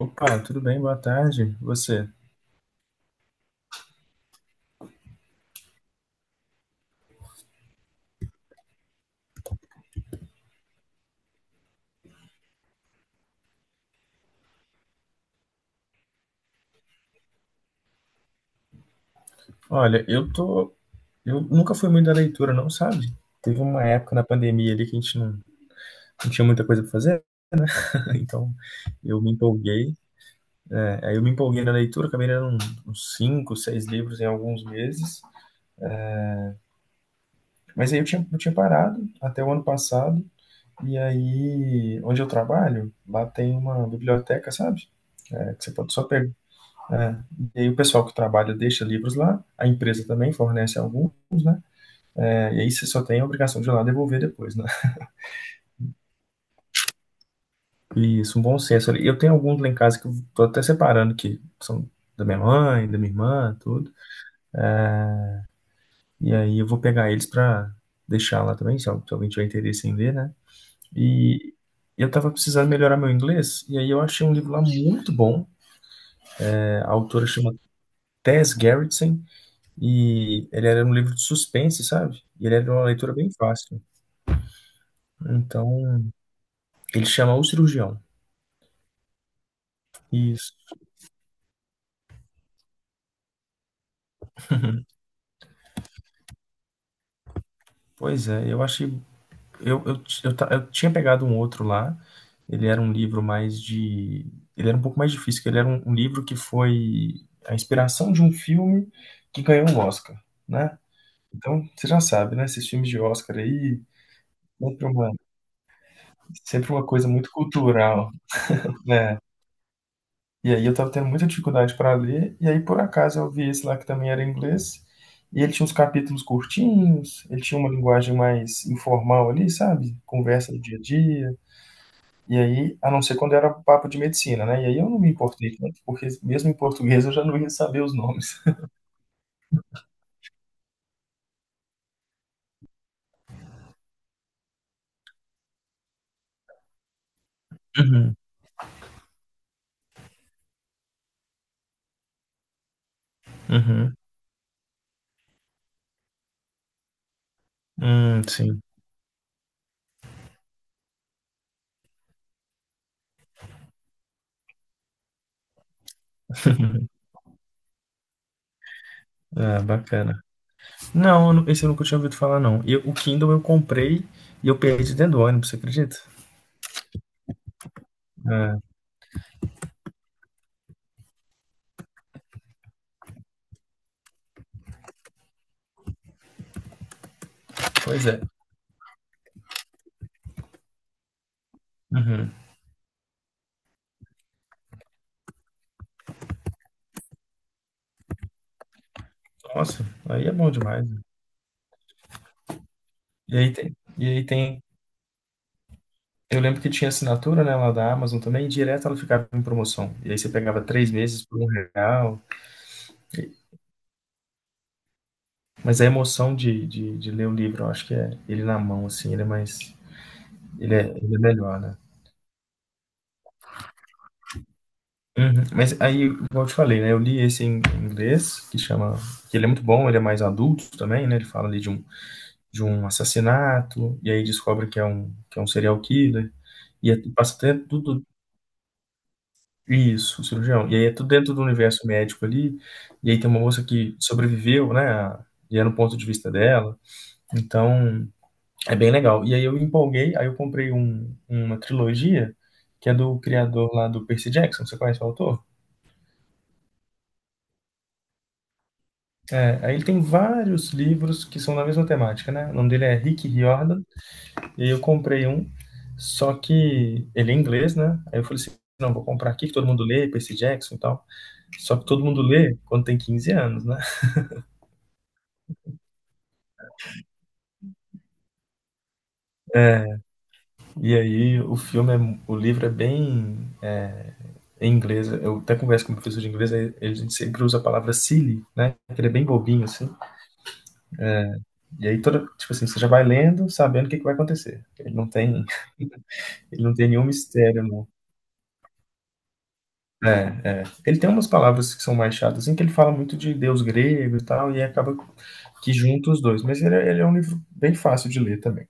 Opa, tudo bem? Boa tarde. Você? Olha, eu tô. Eu nunca fui muito da leitura, não, sabe? Teve uma época na pandemia ali que a gente não tinha muita coisa pra fazer, então eu me empolguei. É, aí eu me empolguei na leitura, acabei lendo uns cinco, seis livros em alguns meses. Mas aí eu tinha parado até o ano passado. E aí, onde eu trabalho, lá tem uma biblioteca, sabe? É, que você pode só pegar. É. E aí o pessoal que trabalha deixa livros lá, a empresa também fornece alguns, né? E aí você só tem a obrigação de ir lá devolver depois, né? E isso, um bom senso ali. Eu tenho alguns lá em casa que eu tô até separando, que são da minha mãe, da minha irmã, tudo. E aí eu vou pegar eles pra deixar lá também, se alguém tiver interesse em ler, né? E eu tava precisando melhorar meu inglês, e aí eu achei um livro lá muito bom. É, a autora chama Tess Gerritsen, e ele era um livro de suspense, sabe? E ele era de uma leitura bem fácil. Então, ele chama O Cirurgião. Isso. Pois é, eu achei eu, ti- eu, ta- eu tinha pegado um outro lá. Ele era um livro mais de. Ele era um pouco mais difícil, que ele era um livro que foi a inspiração de um filme que ganhou um Oscar, né? Então, você já sabe, né? Esses filmes de Oscar aí, sempre uma, sempre uma coisa muito cultural, né? E aí eu tava tendo muita dificuldade para ler, e aí por acaso eu vi esse lá que também era em inglês, e ele tinha uns capítulos curtinhos, ele tinha uma linguagem mais informal ali, sabe? Conversa do dia a dia. E aí, a não ser quando era papo de medicina, né, e aí eu não me importei tanto, porque mesmo em português eu já não ia saber os nomes. Uhum, uhum. Sim. Ah, bacana. Não, esse eu nunca tinha ouvido falar, não. E o Kindle eu comprei e eu perdi dentro do ônibus, você acredita? Ah, pois é. Uhum. Nossa, aí é bom demais, né? E aí tem. Eu lembro que tinha assinatura, né, lá da Amazon também, e direto ela ficava em promoção. E aí você pegava 3 meses por R$ 1. Mas a emoção de ler o livro, eu acho que é ele na mão, assim, ele é mais ele é melhor, né. Uhum. Mas aí, igual eu te falei, né, eu li esse em inglês, que ele é muito bom, ele é mais adulto também, né, ele fala ali de um assassinato, e aí descobre que é um serial killer, e é passa até tudo isso, o cirurgião. E aí é tudo dentro do universo médico ali, e aí tem uma moça que sobreviveu, né, e é no ponto de vista dela. Então é bem legal. E aí eu empolguei, aí eu comprei uma trilogia que é do criador lá do Percy Jackson. Você conhece o autor? É, aí ele tem vários livros que são da mesma temática, né? O nome dele é Rick Riordan. E aí eu comprei um, só que ele é inglês, né? Aí eu falei assim, não, vou comprar aqui que todo mundo lê, Percy Jackson e tal. Só que todo mundo lê quando tem 15 anos, né? É, e aí o filme, é, o livro é bem é em inglês. Eu até converso com o professor de inglês, aí ele sempre usa a palavra silly, né? Que ele é bem bobinho, assim. E aí toda, tipo assim, você já vai lendo, sabendo o que que vai acontecer. Ele não tem nenhum mistério, não. É, é. Ele tem umas palavras que são mais chatas, assim, que ele fala muito de deus grego e tal, e acaba que junta os dois. Mas ele, ele é um livro bem fácil de ler também.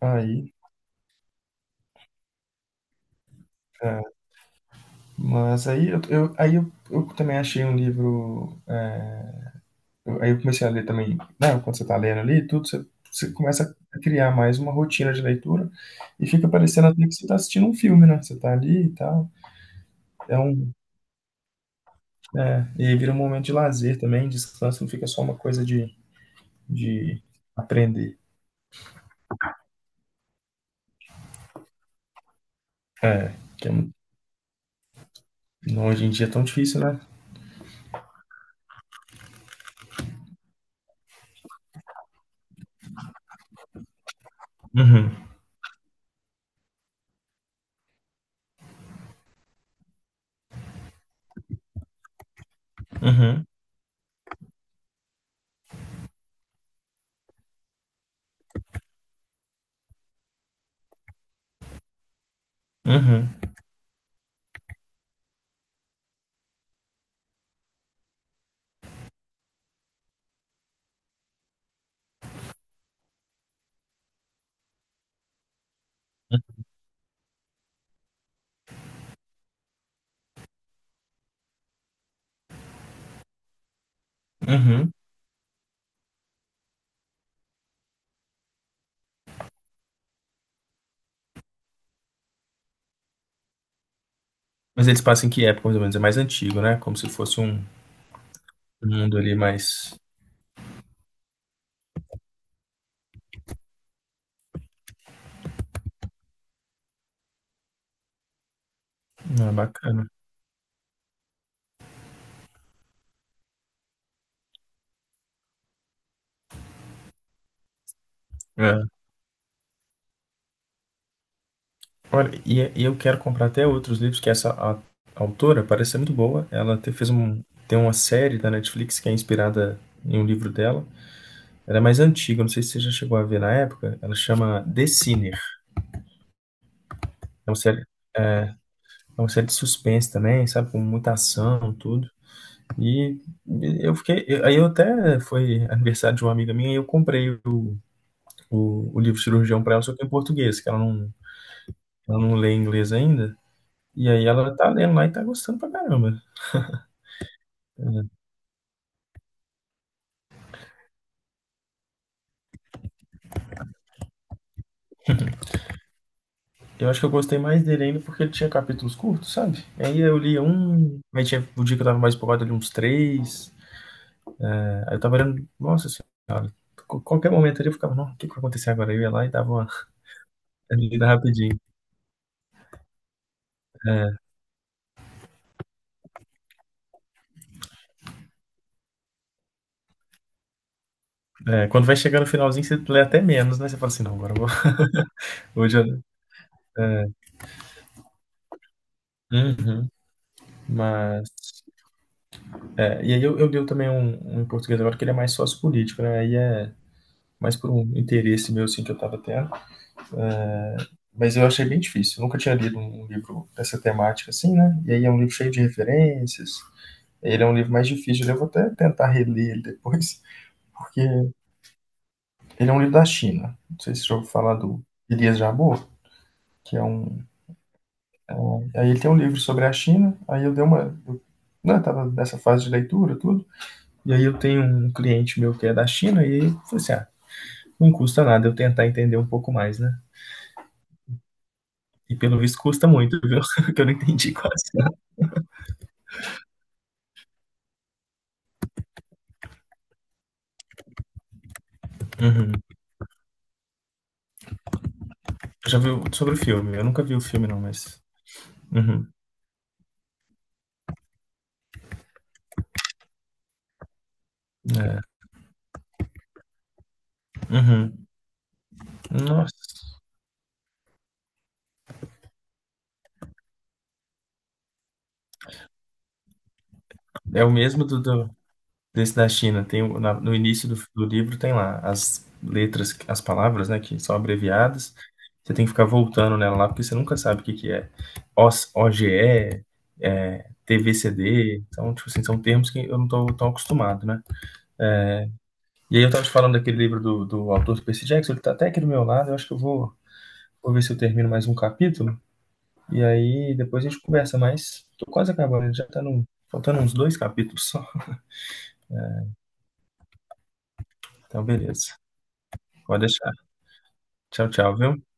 Aí, é, mas eu também achei um livro. É, aí eu comecei a ler também, né? Quando você tá lendo ali, tudo, você começa a criar mais uma rotina de leitura e fica parecendo até que você tá assistindo um filme, né? Você tá ali e tal. É um É, e aí vira um momento de lazer também, descanso, não fica só uma coisa de aprender. É, que é um- não, hoje em dia é tão difícil, né? Uhum, uhum, uhum, uhum. Mas eles passam em que época, mais ou menos? É mais antigo, né? Como se fosse um mundo ali mais... Não, é bacana. É. Olha, e eu quero comprar até outros livros, que autora parece ser muito boa. Ela te, fez um, tem uma série da Netflix que é inspirada em um livro dela. Ela é mais antiga, não sei se você já chegou a ver na época. Ela chama The Sinner. É uma série, é uma série de suspense também, sabe? Com muita ação, tudo. E eu fiquei. Aí eu até foi aniversário de uma amiga minha e eu comprei o livro Cirurgião pra ela, só que em português, que ela não lê inglês ainda. E aí ela tá lendo lá e tá gostando pra caramba. Eu acho que eu gostei mais dele ainda porque ele tinha capítulos curtos, sabe? E aí eu lia um, aí tinha o dia que eu tava mais empolgado ali uns três. Aí eu tava olhando, nossa senhora, qualquer momento ali eu ficava, não, o que que vai acontecer agora? Eu ia lá e dava uma lida rapidinho. É, quando vai chegar no finalzinho, você lê até menos, né? Você fala assim, não, agora eu vou. Hoje eu. Uhum. Mas. É, e aí eu leio também um em português agora que ele é mais sociopolítico, né? Aí é mais por um interesse meu, assim, que eu tava tendo. Mas eu achei bem difícil. Eu nunca tinha lido um livro dessa temática, assim, né? E aí é um livro cheio de referências. Ele é um livro mais difícil. Eu vou até tentar reler ele depois, porque ele é um livro da China. Não sei se você já ouviu falar do Elias Jabbour, que é um É, aí ele tem um livro sobre a China, aí eu dei uma. Eu, né, eu tava nessa fase de leitura, tudo. E aí eu tenho um cliente meu que é da China, e aí eu falei assim: ah, não custa nada eu tentar entender um pouco mais, né? E pelo visto custa muito, viu? Porque eu não entendi quase nada. Uhum. Já viu sobre o filme? Eu nunca vi o filme, não, mas. Uhum. É. Uhum. Nossa. É o mesmo desse da China, tem no início do livro tem lá as letras, as palavras, né, que são abreviadas. Você tem que ficar voltando nela lá, porque você nunca sabe o que que é. OS OGE, é, TVCD, então, tipo assim, são termos que eu não tô tão acostumado, né? E aí eu tava te falando daquele livro do autor do Percy Jackson, ele tá até aqui do meu lado, eu acho que eu vou, vou ver se eu termino mais um capítulo, e aí depois a gente conversa mais. Tô quase acabando, ele já tá no, faltando uns dois capítulos só. Então, beleza. Pode deixar. Tchau, tchau, viu?